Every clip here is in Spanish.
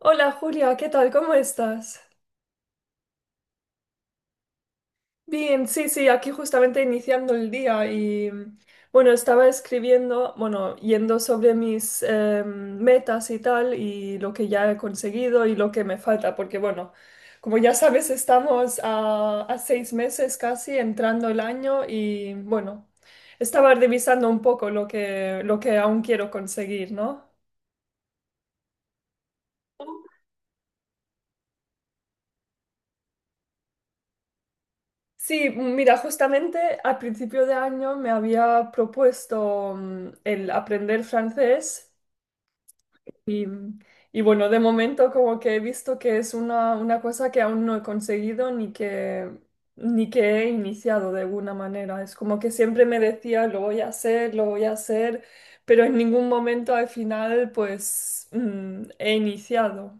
Hola Julia, ¿qué tal? ¿Cómo estás? Bien, sí, sí, aquí justamente iniciando el día y bueno, estaba escribiendo, bueno, yendo sobre mis metas y tal y lo que ya he conseguido y lo que me falta, porque bueno, como ya sabes, estamos a 6 meses casi entrando el año y bueno, estaba revisando un poco lo que aún quiero conseguir, ¿no? Sí, mira, justamente al principio de año me había propuesto el aprender francés y, y bueno, de momento como que he visto que es una cosa que aún no he conseguido ni que he iniciado de alguna manera. Es como que siempre me decía, lo voy a hacer, lo voy a hacer, pero en ningún momento al final pues he iniciado.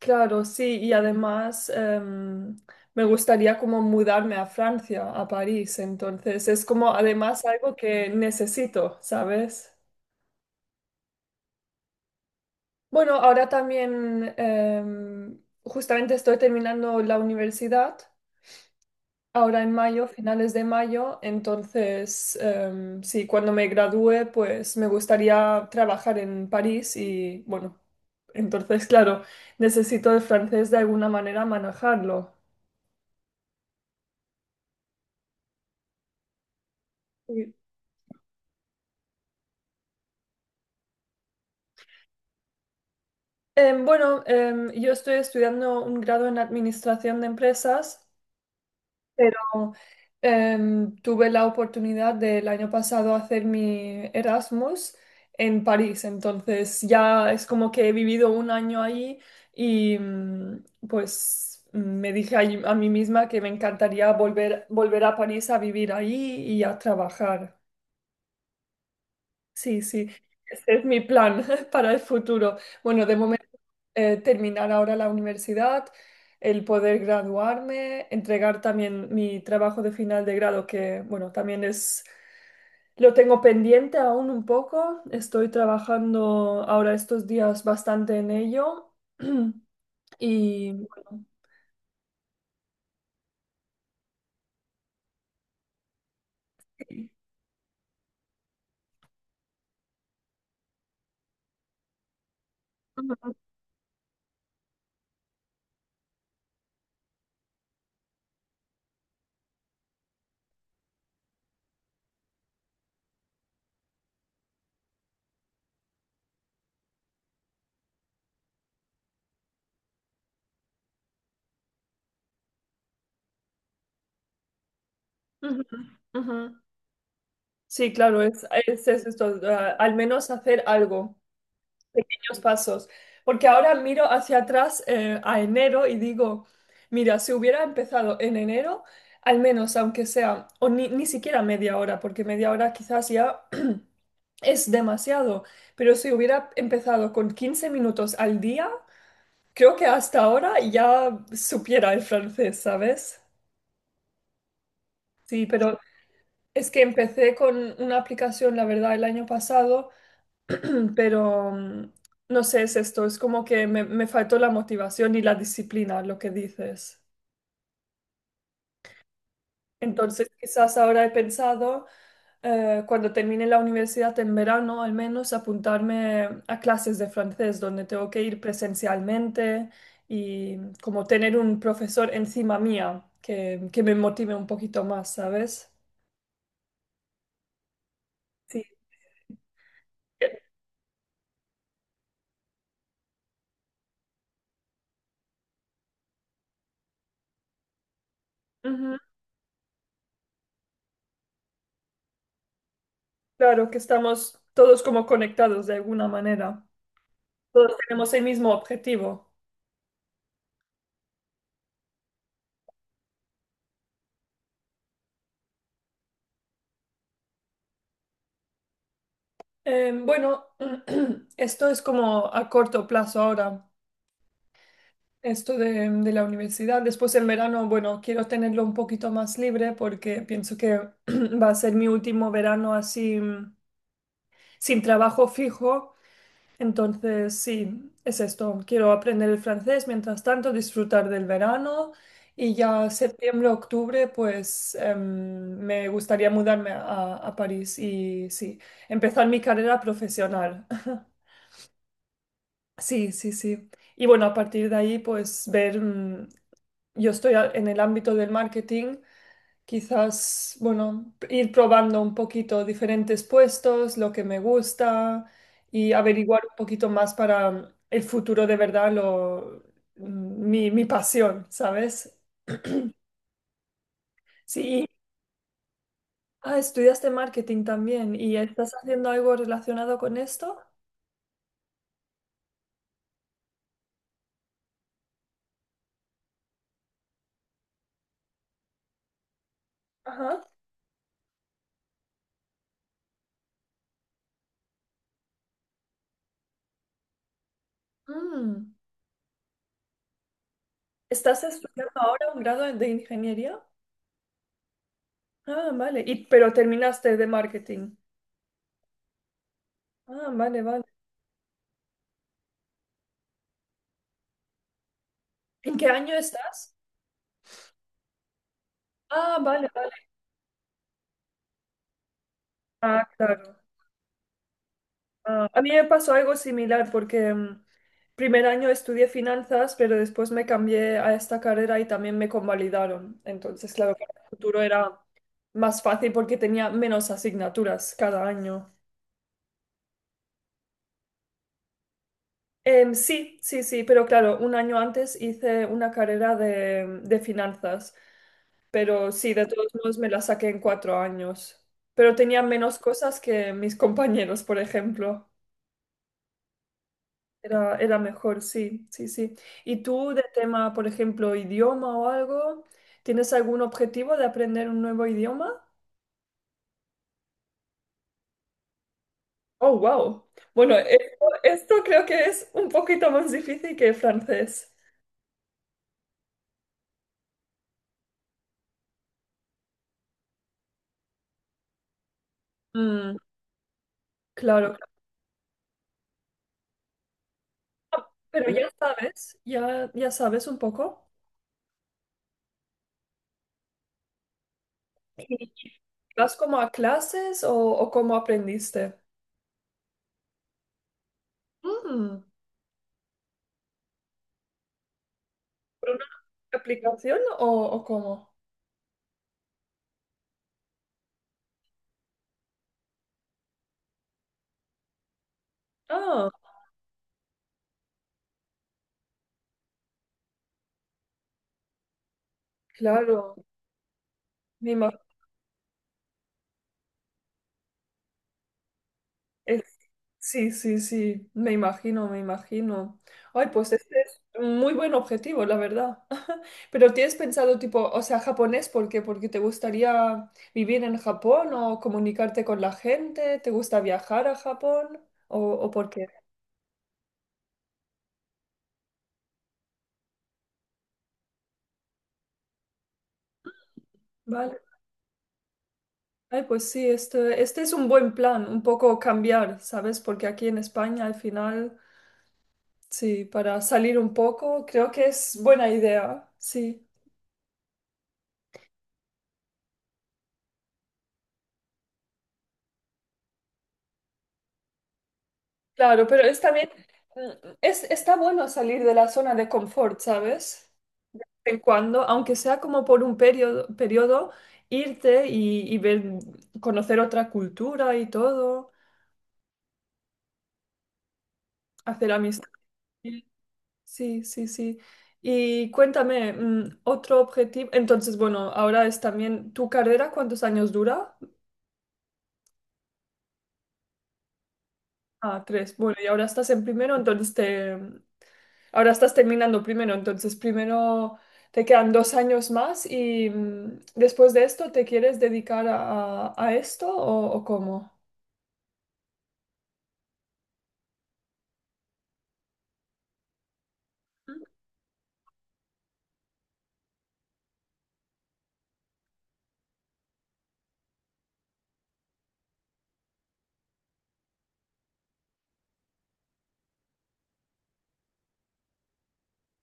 Claro, sí, y además me gustaría como mudarme a Francia, a París, entonces es como además algo que necesito, ¿sabes? Bueno, ahora también justamente estoy terminando la universidad, ahora en mayo, finales de mayo, entonces sí, cuando me gradúe pues me gustaría trabajar en París y bueno, entonces claro, necesito el francés de alguna manera manejarlo. Sí. Bueno, yo estoy estudiando un grado en administración de empresas, pero tuve la oportunidad del año pasado hacer mi Erasmus en París, entonces ya es como que he vivido un año ahí y pues me dije a mí misma que me encantaría volver a París a vivir ahí y a trabajar. Sí, sí, ese es mi plan para el futuro. Bueno, de momento terminar ahora la universidad, el poder graduarme, entregar también mi trabajo de final de grado, que bueno, también es, lo tengo pendiente aún un poco. Estoy trabajando ahora estos días bastante en ello. Y bueno, sí. Ujú, ujú, ujú. Sí, claro, es esto, al menos hacer algo. Pequeños pasos. Porque ahora miro hacia atrás a enero y digo, mira, si hubiera empezado en enero, al menos aunque sea, o ni siquiera media hora, porque media hora quizás ya es demasiado, pero si hubiera empezado con 15 minutos al día, creo que hasta ahora ya supiera el francés, ¿sabes? Sí, pero es que empecé con una aplicación, la verdad, el año pasado pero no sé, es esto, es como que me faltó la motivación y la disciplina, lo que dices. Entonces, quizás ahora he pensado, cuando termine la universidad en verano, al menos apuntarme a clases de francés, donde tengo que ir presencialmente y como tener un profesor encima mía que me motive un poquito más, ¿sabes? Sí. Ujú. Claro que estamos todos como conectados de alguna manera. Todos tenemos el mismo objetivo. Bueno, esto es como a corto plazo ahora, esto de la universidad. Después en verano, bueno, quiero tenerlo un poquito más libre porque pienso que va a ser mi último verano así, sin trabajo fijo. Entonces, sí, es esto. Quiero aprender el francés, mientras tanto, disfrutar del verano y ya septiembre, octubre, pues me gustaría mudarme a París y sí, empezar mi carrera profesional. Sí, sí, sí. Y bueno, a partir de ahí, pues ver, yo estoy en el ámbito del marketing. Quizás, bueno, ir probando un poquito diferentes puestos, lo que me gusta y averiguar un poquito más para el futuro de verdad, mi pasión, ¿sabes? Sí, ah, estudiaste marketing también y estás haciendo algo relacionado con esto. Ajá. Mm. ¿Estás estudiando ahora un grado de ingeniería? Ah, vale. Y, pero terminaste de marketing. Ah, vale, vale. ¿En qué año estás? Ah, vale, vale. Ah, claro. Ah, a mí me pasó algo similar porque primer año estudié finanzas, pero después me cambié a esta carrera y también me convalidaron. Entonces, claro, para el futuro era más fácil porque tenía menos asignaturas cada año. Sí, sí, sí, pero claro, un año antes hice una carrera de finanzas. Pero sí, de todos modos me la saqué en 4 años. Pero tenía menos cosas que mis compañeros, por ejemplo. Era mejor, sí, sí, sí. ¿Y tú de tema, por ejemplo, idioma o algo? ¿Tienes algún objetivo de aprender un nuevo idioma? Oh, wow. Bueno, esto creo que es un poquito más difícil que el francés. Mm, claro, claro. Ah, pero ya sabes, ya sabes un poco. ¿Vas como a clases o, cómo aprendiste? Mm. ¿Por una aplicación o, cómo? Ah, claro. Me ima- es- sí, sí, sí. Me imagino, me imagino. Ay, pues este es un muy buen objetivo, la verdad. Pero ¿tienes pensado tipo, o sea, japonés? ¿Por qué? ¿Porque te gustaría vivir en Japón o comunicarte con la gente? ¿Te gusta viajar a Japón? ¿O, por qué? Vale. Ay, pues sí, este es un buen plan, un poco cambiar, ¿sabes? Porque aquí en España al final... Sí, para salir un poco, creo que es buena idea, sí. Claro, pero es también, está bueno salir de la zona de confort, ¿sabes? De vez en cuando, aunque sea como por un periodo, irte y ver, conocer otra cultura y todo, hacer amistad. Sí, sí, sí. Y cuéntame, otro objetivo, entonces, bueno, ahora es también, ¿tu carrera cuántos años dura? Ah, tres. Bueno, y ahora estás en primero, entonces te... ahora estás terminando primero, entonces primero te quedan 2 años más y después de esto, ¿te quieres dedicar a esto o, cómo?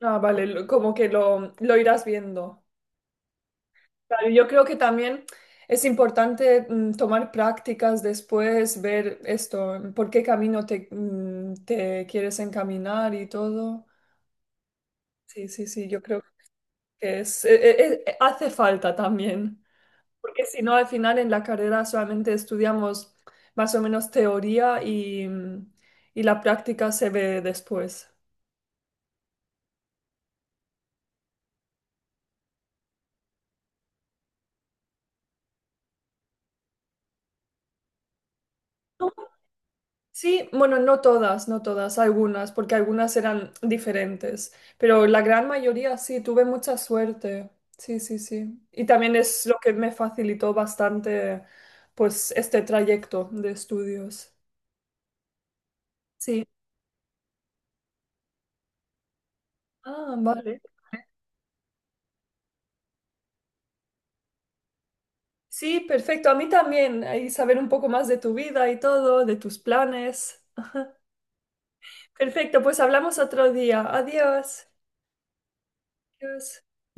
Ah, vale, como que lo irás viendo. Claro, yo creo que también es importante, tomar prácticas después, ver esto, por qué camino te, te quieres encaminar y todo. Sí, sí, sí, yo creo que hace falta también, porque si no, al final en la carrera solamente estudiamos más o menos teoría y la práctica se ve después. No, sí, bueno, no todas, no todas, algunas, porque algunas eran diferentes, pero la gran mayoría sí, tuve mucha suerte. Sí, sí, sí. Y también es lo que me facilitó bastante, pues, este trayecto de estudios. Sí. Ah, vale. Sí, perfecto. A mí también. Ahí saber un poco más de tu vida y todo, de tus planes. Perfecto, pues hablamos otro día. Adiós. Adiós.